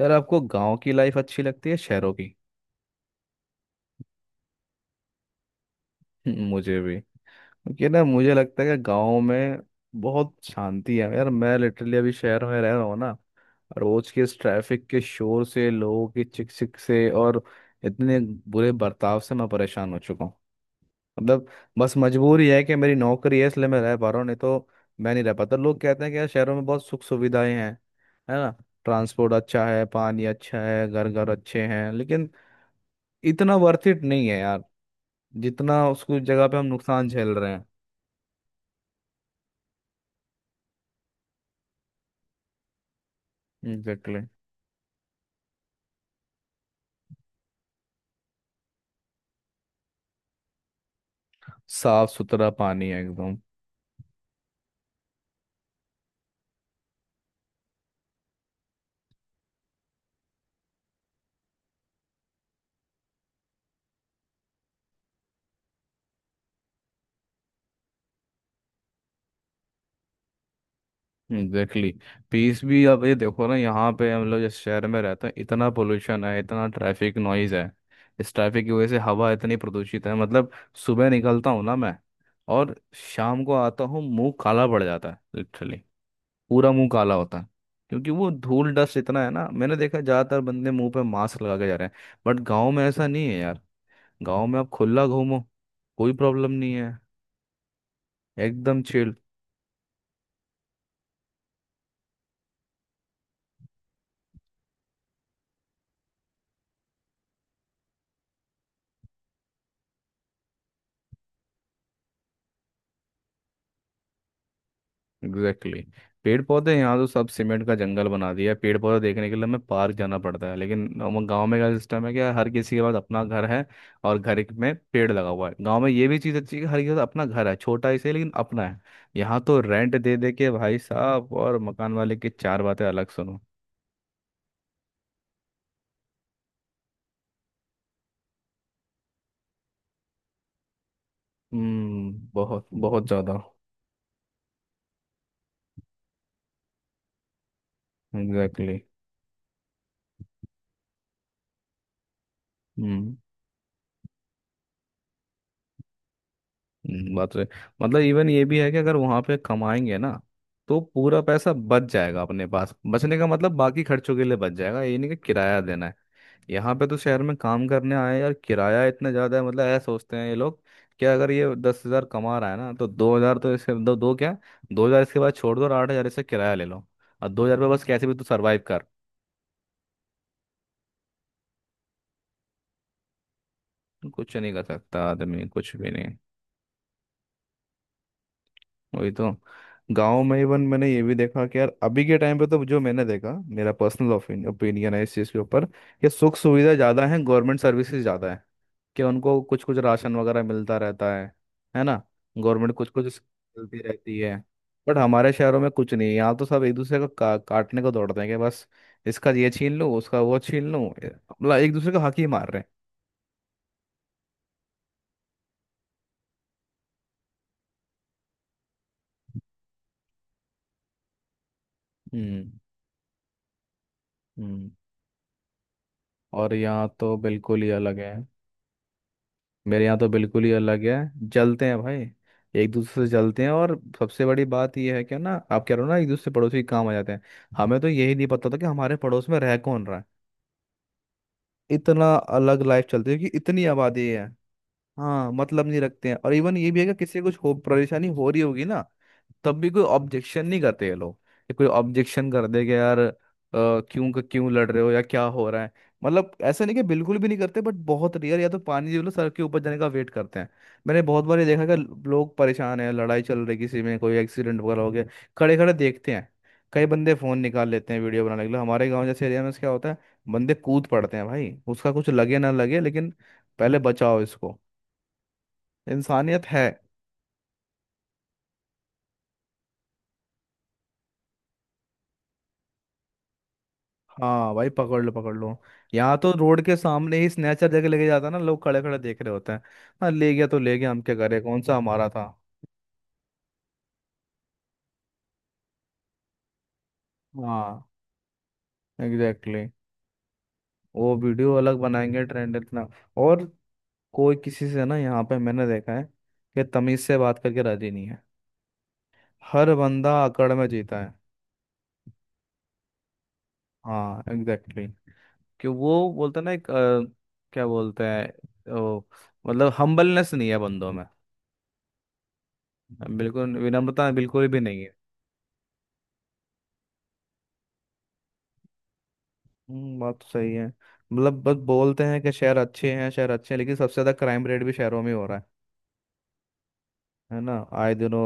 यार आपको गांव की लाइफ अच्छी लगती है शहरों की? मुझे भी, क्योंकि ना मुझे लगता है कि गांव में बहुत शांति है यार. मैं लिटरली अभी शहर में रह रहा हूँ ना. रोज के इस ट्रैफिक के शोर से, लोगों की चिक चिक से, और इतने बुरे बर्ताव से मैं परेशान हो चुका हूँ. मतलब बस मजबूरी है कि मेरी नौकरी है, इसलिए मैं रह पा रहा हूँ, नहीं तो मैं नहीं रह पाता. लोग कहते हैं कि यार शहरों में बहुत सुख सुविधाएं हैं, है ना. ट्रांसपोर्ट अच्छा है, पानी अच्छा है, घर घर अच्छे हैं, लेकिन इतना वर्थ इट नहीं है यार. जितना उसको जगह पे हम नुकसान झेल रहे हैं. एग्जैक्टली. साफ सुथरा पानी है एकदम. एग्जैक्टली. पीस भी. अब ये देखो ना, यहाँ पे हम लोग जिस शहर में रहते हैं, इतना पोल्यूशन है, इतना ट्रैफिक नॉइज है. इस ट्रैफिक की वजह से हवा इतनी प्रदूषित है. मतलब सुबह निकलता हूँ ना मैं, और शाम को आता हूँ, मुंह काला पड़ जाता है लिटरली. पूरा मुंह काला होता है. क्योंकि वो धूल डस्ट इतना है ना. मैंने देखा ज्यादातर बंदे मुंह पे मास्क लगा के जा रहे हैं. बट गांव में ऐसा नहीं है यार. गांव में आप खुला घूमो, कोई प्रॉब्लम नहीं है. एकदम चिल. Exactly exactly. पेड़ पौधे यहाँ तो सब सीमेंट का जंगल बना दिया है. पेड़ पौधे देखने के लिए हमें पार्क जाना पड़ता है, लेकिन गांव में क्या सिस्टम है कि हर किसी के पास अपना घर है, और घर में पेड़ लगा हुआ है. गांव में ये भी चीज़ अच्छी है कि हर किसी के पास अपना घर है, छोटा ही सही, लेकिन अपना है. यहाँ तो रेंट दे दे के भाई साहब, और मकान वाले की चार बातें अलग सुनो. हम्म, बहुत बहुत ज़्यादा. Exactly exactly. हम्म. बात रहे. मतलब इवन ये भी है कि अगर वहां पे कमाएंगे ना, तो पूरा पैसा बच जाएगा अपने पास. बचने का मतलब बाकी खर्चों के लिए बच जाएगा, ये नहीं कि किराया देना है. यहाँ पे तो शहर में काम करने आए हैं यार, किराया इतना ज्यादा है. मतलब ऐसा सोचते हैं ये लोग, कि अगर ये 10,000 कमा रहा है ना, तो 2,000 तो इसके, दो, दो क्या, 2,000 इसके बाद छोड़ दो, और 8,000 इससे किराया ले लो, और 2,000 पे बस कैसे भी तू सरवाइव कर. कुछ नहीं कर सकता आदमी कुछ भी. वही तो. गांव में इवन मैंने ये भी देखा कि यार, अभी के टाइम पे तो, जो मैंने देखा, मेरा पर्सनल ओपिनियन है इस चीज़ के ऊपर, कि सुख सुविधा ज़्यादा है, गवर्नमेंट सर्विसेज ज़्यादा है, कि उनको कुछ कुछ राशन वगैरह मिलता रहता है ना, गवर्नमेंट कुछ कुछ मिलती रहती है. बट हमारे शहरों में कुछ नहीं है. यहाँ तो सब एक दूसरे को काटने को दौड़ते हैं, कि बस इसका ये छीन लूँ, उसका वो छीन लूँ, मतलब एक दूसरे का हक ही मार रहे हैं. हम्म. हम्म. और यहाँ तो बिल्कुल ही अलग है. मेरे यहाँ तो बिल्कुल ही अलग है, जलते हैं भाई, एक दूसरे से जलते हैं. और सबसे बड़ी बात यह है कि ना, आप कह रहे हो ना एक दूसरे पड़ोसी के काम आ जाते हैं, हमें तो यही नहीं पता था कि हमारे पड़ोस में रह कौन रहा है. इतना अलग लाइफ चलती है, कि इतनी आबादी है. हाँ, मतलब नहीं रखते हैं. और इवन ये भी है कि किसी को कुछ हो, परेशानी हो रही होगी ना, तब भी कोई ऑब्जेक्शन नहीं करते ये लोग, कि कोई ऑब्जेक्शन कर दे, कि यार क्यों लड़ रहे हो या क्या हो रहा है. मतलब ऐसा नहीं कि बिल्कुल भी नहीं करते, बट बहुत रेयर, या तो पानी जी लो सर के ऊपर जाने का वेट करते हैं. मैंने बहुत बार ये देखा कि लोग परेशान हैं, लड़ाई चल रही, किसी में कोई एक्सीडेंट वगैरह हो गया, खड़े खड़े देखते हैं, कई बंदे फोन निकाल लेते हैं वीडियो बनाने के लिए. हमारे गांव जैसे एरिया में क्या होता है, बंदे कूद पड़ते हैं भाई, उसका कुछ लगे ना लगे, लेकिन पहले बचाओ इसको. इंसानियत है. हाँ भाई पकड़ लो, पकड़ लो. यहाँ तो रोड के सामने ही स्नेचर जगह लेके जाता है ना, लोग खड़े खड़े देख रहे होते हैं, हाँ ले गया तो ले गया, हम क्या करें, कौन सा हमारा था. हाँ. Exactly exactly. वो वीडियो अलग बनाएंगे, ट्रेंड इतना. और कोई किसी से ना, यहाँ पे मैंने देखा है कि तमीज से बात करके राजी नहीं है. हर बंदा अकड़ में जीता है. हाँ एग्जैक्टली exactly. कि वो बोलते हैं ना एक क्या बोलते हैं मतलब हम्बलनेस नहीं है बंदों में. बिल्कुल विनम्रता बिल्कुल भी नहीं है. बात तो सही है. मतलब बस बोलते हैं कि शहर अच्छे हैं, शहर अच्छे हैं, लेकिन सबसे ज्यादा क्राइम रेट भी शहरों में हो रहा है ना, आए दिनों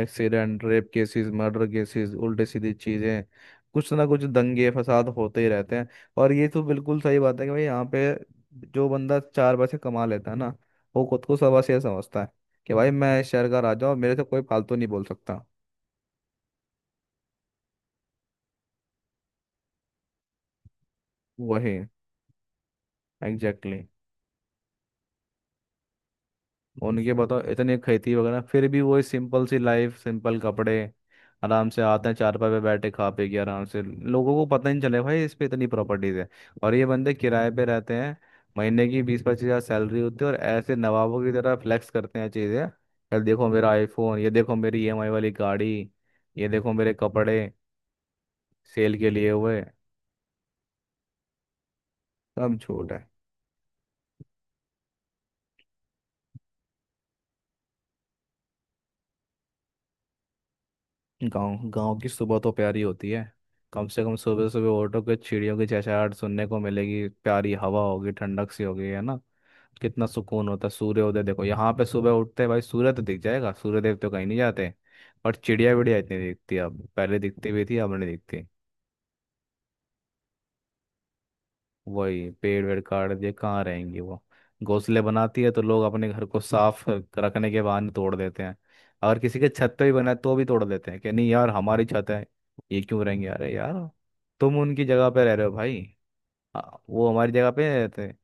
accident, rape cases, murder cases, उल्टे सीधी चीजें, कुछ ना कुछ दंगे फसाद होते ही रहते हैं. और ये तो बिल्कुल सही बात है कि भाई यहाँ पे जो बंदा चार पैसे कमा लेता है ना, वो खुद को सवा से समझता है, कि भाई मैं इस शहर का राजा हूँ, मेरे से कोई फालतू नहीं बोल सकता. वही. एग्जैक्टली. उनके बताओ इतनी खेती वगैरह, फिर भी वही सिंपल सी लाइफ, सिंपल कपड़े, आराम से आते हैं चारपाई पे बैठे खा पी के आराम से, लोगों को पता ही नहीं चले भाई इस पे इतनी प्रॉपर्टीज है. और ये बंदे किराए पे रहते हैं, महीने की 20-25 हजार सैलरी होती है, और ऐसे नवाबों की तरह फ्लेक्स करते हैं चीज़ें. यार देखो मेरा आईफोन, ये देखो मेरी ईएमआई वाली गाड़ी, ये देखो मेरे कपड़े सेल के लिए हुए. सब झूठ है. गांव गांव की सुबह तो प्यारी होती है. कम से कम सुबह सुबह उठोगे, चिड़ियों की चहचहाहट सुनने को मिलेगी, प्यारी हवा होगी, ठंडक सी होगी, है ना. कितना सुकून होता है. सूर्योदय देखो, यहाँ पे सुबह उठते हैं भाई, सूर्य तो दिख जाएगा, सूर्यदेव तो कहीं नहीं जाते. और चिड़िया विड़िया इतनी दिखती है. अब पहले दिखती भी थी, अब नहीं दिखती. वही. पेड़ वेड़ काट दिए, कहाँ रहेंगी वो. घोंसले बनाती है तो लोग अपने घर को साफ रखने के बहाने तोड़ देते हैं. अगर किसी के छत पे भी बना है तो भी तोड़ देते हैं, कि नहीं यार हमारी छत है, ये क्यों रहेंगे. अरे यार, तुम उनकी जगह पे रह रहे हो भाई. आ, वो हमारी जगह पे रहते हैं.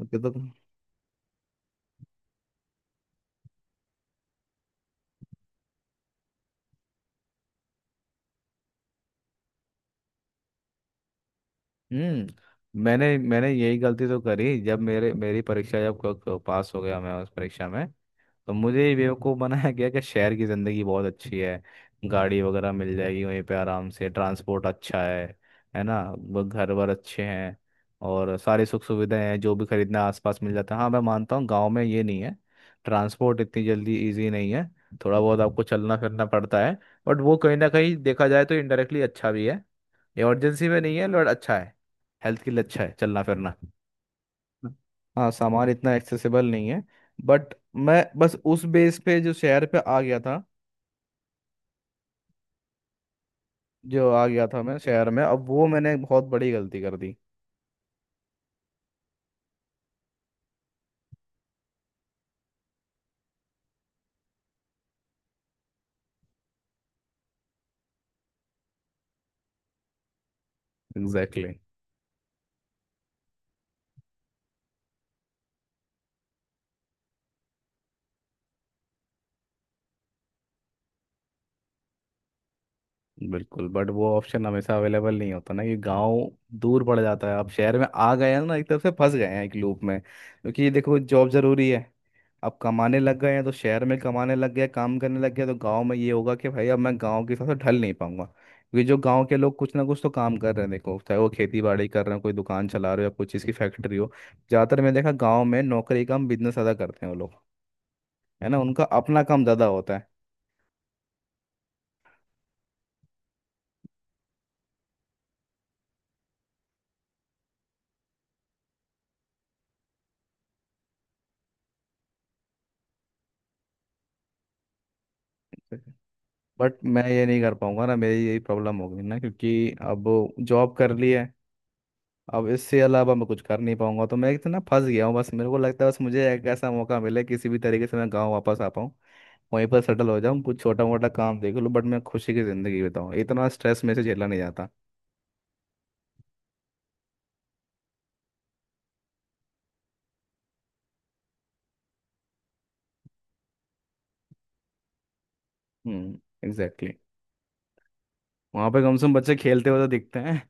उनके तो. हम्म. मैंने मैंने यही गलती तो करी. जब मेरे मेरी परीक्षा, जब पास हो गया मैं उस परीक्षा में, तो मुझे ये बेवकूफ़ बनाया गया कि शहर की ज़िंदगी बहुत अच्छी है, गाड़ी वगैरह मिल जाएगी वहीं पे आराम से, ट्रांसपोर्ट अच्छा है ना, घर वर अच्छे हैं, और सारी सुख सुविधाएं हैं, जो भी खरीदना आसपास मिल जाता है. हाँ मैं मानता हूँ गांव में ये नहीं है, ट्रांसपोर्ट इतनी जल्दी इजी नहीं है, थोड़ा बहुत आपको चलना फिरना पड़ता है, बट वो कहीं ना कहीं देखा जाए तो इनडायरेक्टली अच्छा भी है. इमरजेंसी में नहीं है बट अच्छा है. हेल्थ के लिए अच्छा है चलना फिरना. हाँ सामान इतना एक्सेसिबल नहीं है, बट मैं बस उस बेस पे जो शहर पे आ गया था, जो आ गया था मैं शहर में, अब वो मैंने बहुत बड़ी गलती कर दी. एग्जैक्टली. बिल्कुल, बट वो ऑप्शन हमेशा अवेलेबल नहीं होता ना, कि गांव दूर पड़ जाता है. अब शहर में आ गए हैं ना, एक तरफ से फंस गए हैं एक लूप में, क्योंकि देखो जॉब जरूरी है. अब कमाने लग गए हैं तो शहर में कमाने लग गए, काम करने लग गए, तो गांव में ये होगा कि भाई अब मैं गांव के हिसाब से ढल नहीं पाऊंगा, क्योंकि जो गांव के लोग कुछ ना कुछ तो काम कर रहे हैं, देखो चाहे वो खेती बाड़ी कर रहे हैं, कोई दुकान चला रहे हो, या कोई चीज़ की फैक्ट्री हो. ज़्यादातर मैंने देखा गाँव में नौकरी कम, बिजनेस ज़्यादा करते हैं वो लोग, है ना, उनका अपना काम ज़्यादा होता है. बट मैं ये नहीं कर पाऊंगा ना, मेरी यही प्रॉब्लम हो गई ना, क्योंकि अब जॉब कर ली है. अब इससे अलावा मैं कुछ कर नहीं पाऊंगा, तो मैं इतना फंस गया हूँ. बस मेरे को लगता है, बस मुझे एक ऐसा मौका मिले किसी भी तरीके से मैं गांव वापस आ पाऊँ, वहीं पर सेटल हो जाऊँ, कुछ छोटा मोटा काम देख लूँ, बट मैं खुशी की ज़िंदगी बिताऊँ. इतना स्ट्रेस में से झेला नहीं जाता. हम्म एग्जैक्टली exactly. वहाँ पे कम से कम बच्चे खेलते हुए तो दिखते हैं.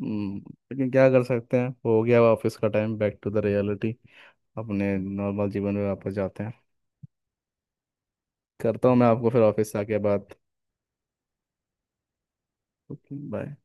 हम्म, लेकिन क्या कर सकते हैं, हो गया ऑफिस का time, back to the reality. अपने नॉर्मल जीवन में वापस जाते हैं. करता हूँ मैं आपको फिर ऑफिस से आके बात. Okay bye.